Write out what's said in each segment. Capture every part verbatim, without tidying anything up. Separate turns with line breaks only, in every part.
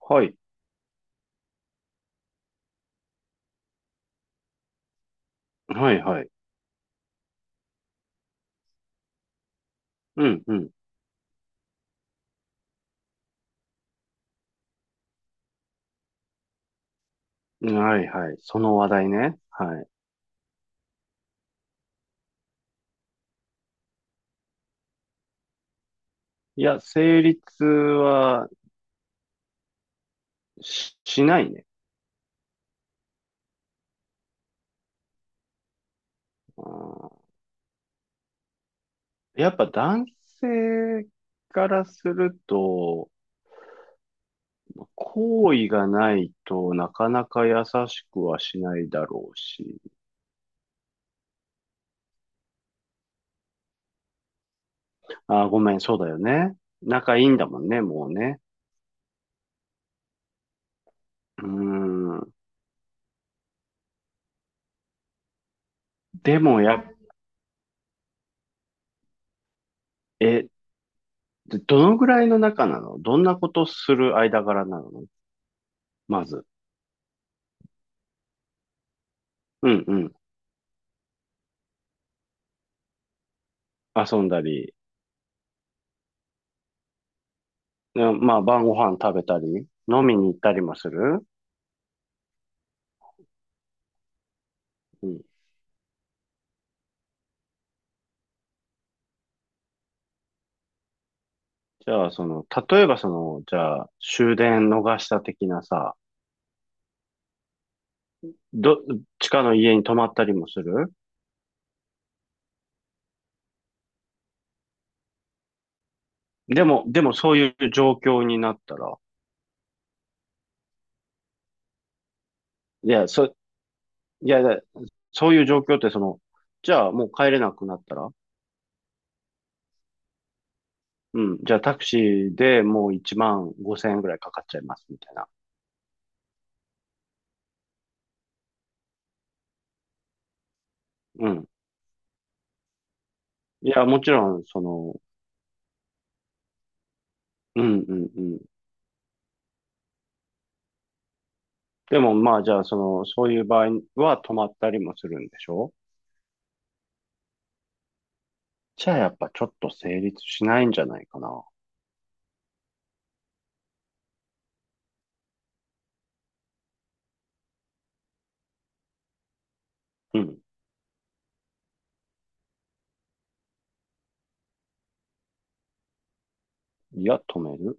はい。はいはい。うん、うん。はいはい。その話題ね。はい。いや、成立はし、しないね。うん、やっぱ男性からすると、好意がないとなかなか優しくはしないだろうし。あー、ごめん、そうだよね。仲いいんだもんね、もうね。うーん。でもや、え、どのぐらいの仲なの、どんなことする間柄なのまず？うんうん。遊んだり、でまあ、晩ご飯食べたり、飲みに行ったりもする。うん。じゃあ、その、例えばその、じゃあ、終電逃した的なさ、ど、地下の家に泊まったりもする。でも、でもそういう状況になったら、いや、そ、いや、いや、そういう状況ってその、じゃあもう帰れなくなったら、うん、じゃあタクシーでもういちまんごせんえんぐらいかかっちゃいます、みたいな。うん。いや、もちろん、その、うん、うん、でもまあ、じゃあその、そういう場合は止まったりもするんでしょ？じゃあやっぱちょっと成立しないんじゃないかな。うん。いや、止める。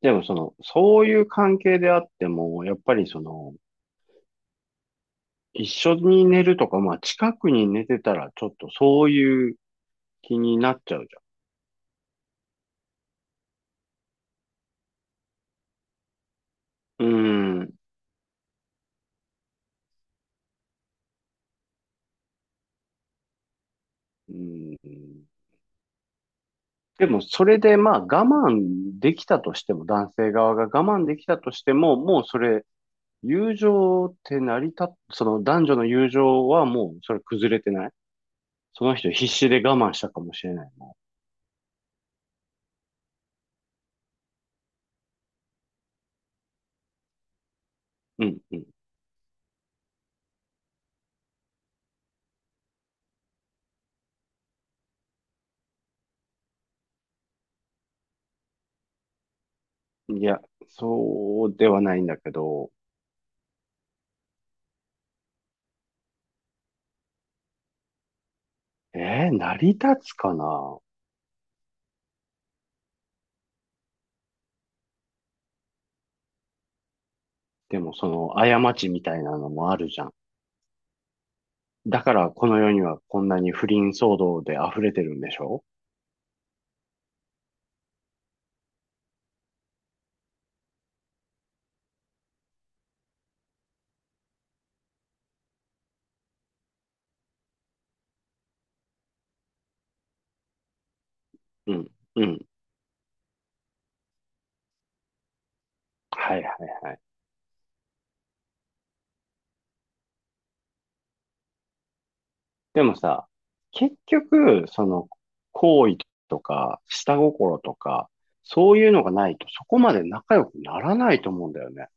でもその、そういう関係であっても、やっぱりその、一緒に寝るとか、まあ近くに寝てたらちょっとそういう気になっちゃうじゃん。うん。うん。でもそれでまあ我慢できたとしても、男性側が我慢できたとしても、もうそれ友情って成り立っ、その男女の友情はもうそれ崩れてない。その人必死で我慢したかもしれないもん。うんうん。いや、そうではないんだけど、えー、成り立つかな。でもその過ちみたいなのもあるじゃん。だからこの世にはこんなに不倫騒動で溢れてるんでしょ？うん。うん。はいはいはい。でもさ、結局、その、好意とか、下心とか、そういうのがないと、そこまで仲良くならないと思うんだよね。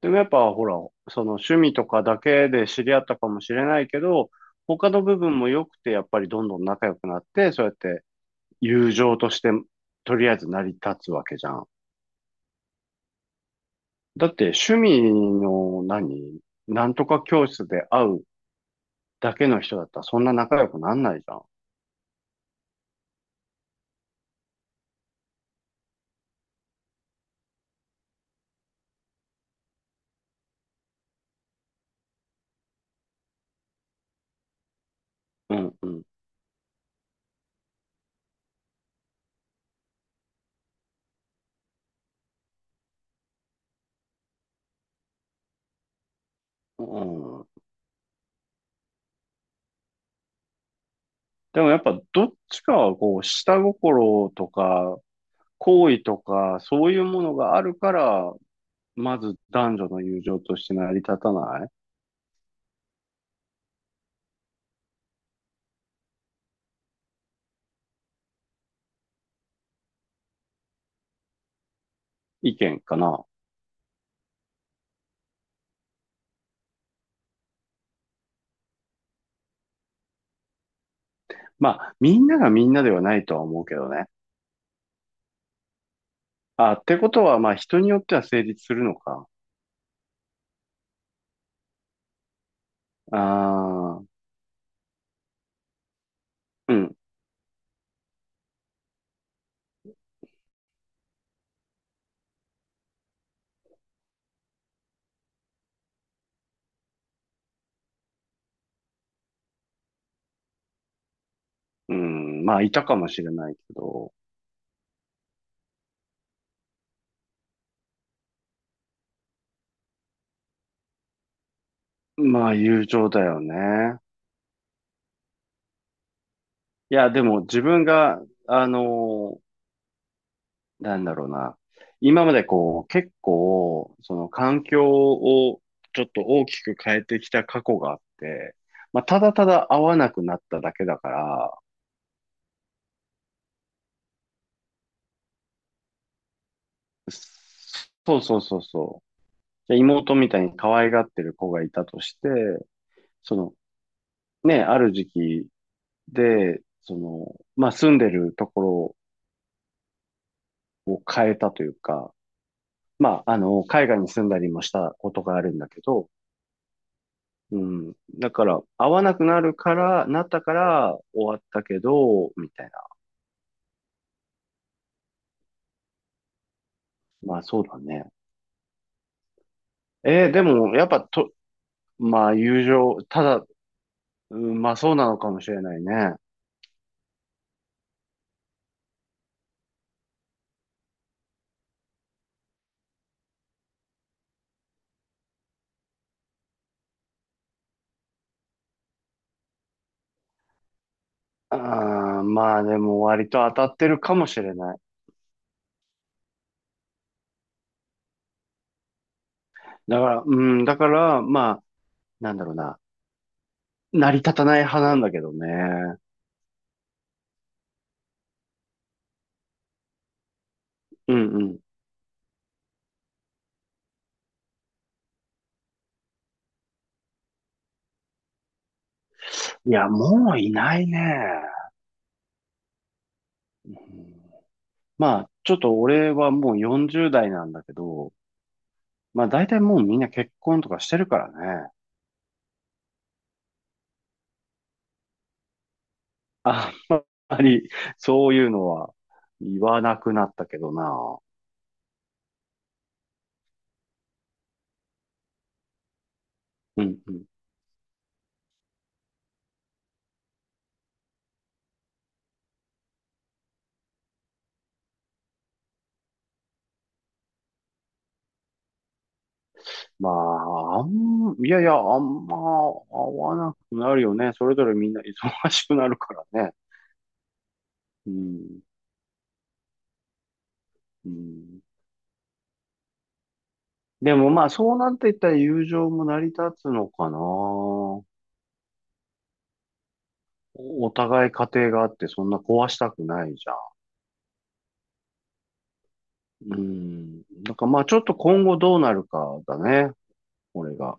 でもやっぱ、ほら、その趣味とかだけで知り合ったかもしれないけど、他の部分も良くて、やっぱりどんどん仲良くなって、そうやって友情として、とりあえず成り立つわけじゃん。だって、趣味の何、なんとか教室で会うだけの人だったら、そんな仲良くなんないじゃん。うん、うん。うん、でもやっぱどっちかはこう下心とか好意とかそういうものがあるから、まず男女の友情として成り立たない意見かな。まあみんながみんなではないとは思うけどね。あ、ってことはまあ人によっては成立するのか。ああ、うん、うん、まあいたかもしれないけど。まあ友情だよね。いやでも自分が、あのなんだろうな。今までこう、結構、その環境をちょっと大きく変えてきた過去があって、まあ、ただただ会わなくなっただけだから、そうそうそうそう。じゃ妹みたいに可愛がってる子がいたとして、その、ね、ある時期で、その、まあ、住んでるところを変えたというか、まあ、あの、海外に住んだりもしたことがあるんだけど、うん。だから、合わなくなるから、なったから終わったけど、みたいな。まあそうだね。えーでも、やっぱと、まあ友情、ただ、うん、まあそうなのかもしれないね。ああ、まあでも割と当たってるかもしれない。だから、うん、だから、まあ、なんだろうな。成り立たない派なんだけどね。うんうん。いや、もういないね。うん、まあ、ちょっと俺はもうよんじゅうだい代なんだけど、まあ大体もうみんな結婚とかしてるからね。あんまりそういうのは言わなくなったけどな。うんうん。まあ、あん、いやいや、あんま会わなくなるよね。それぞれみんな忙しくなるからね。うん。うん。でもまあそうなっていったら友情も成り立つのかな。おお互い家庭があってそんな壊したくないじゃん。うん。だからまあちょっと今後どうなるかだね。俺が。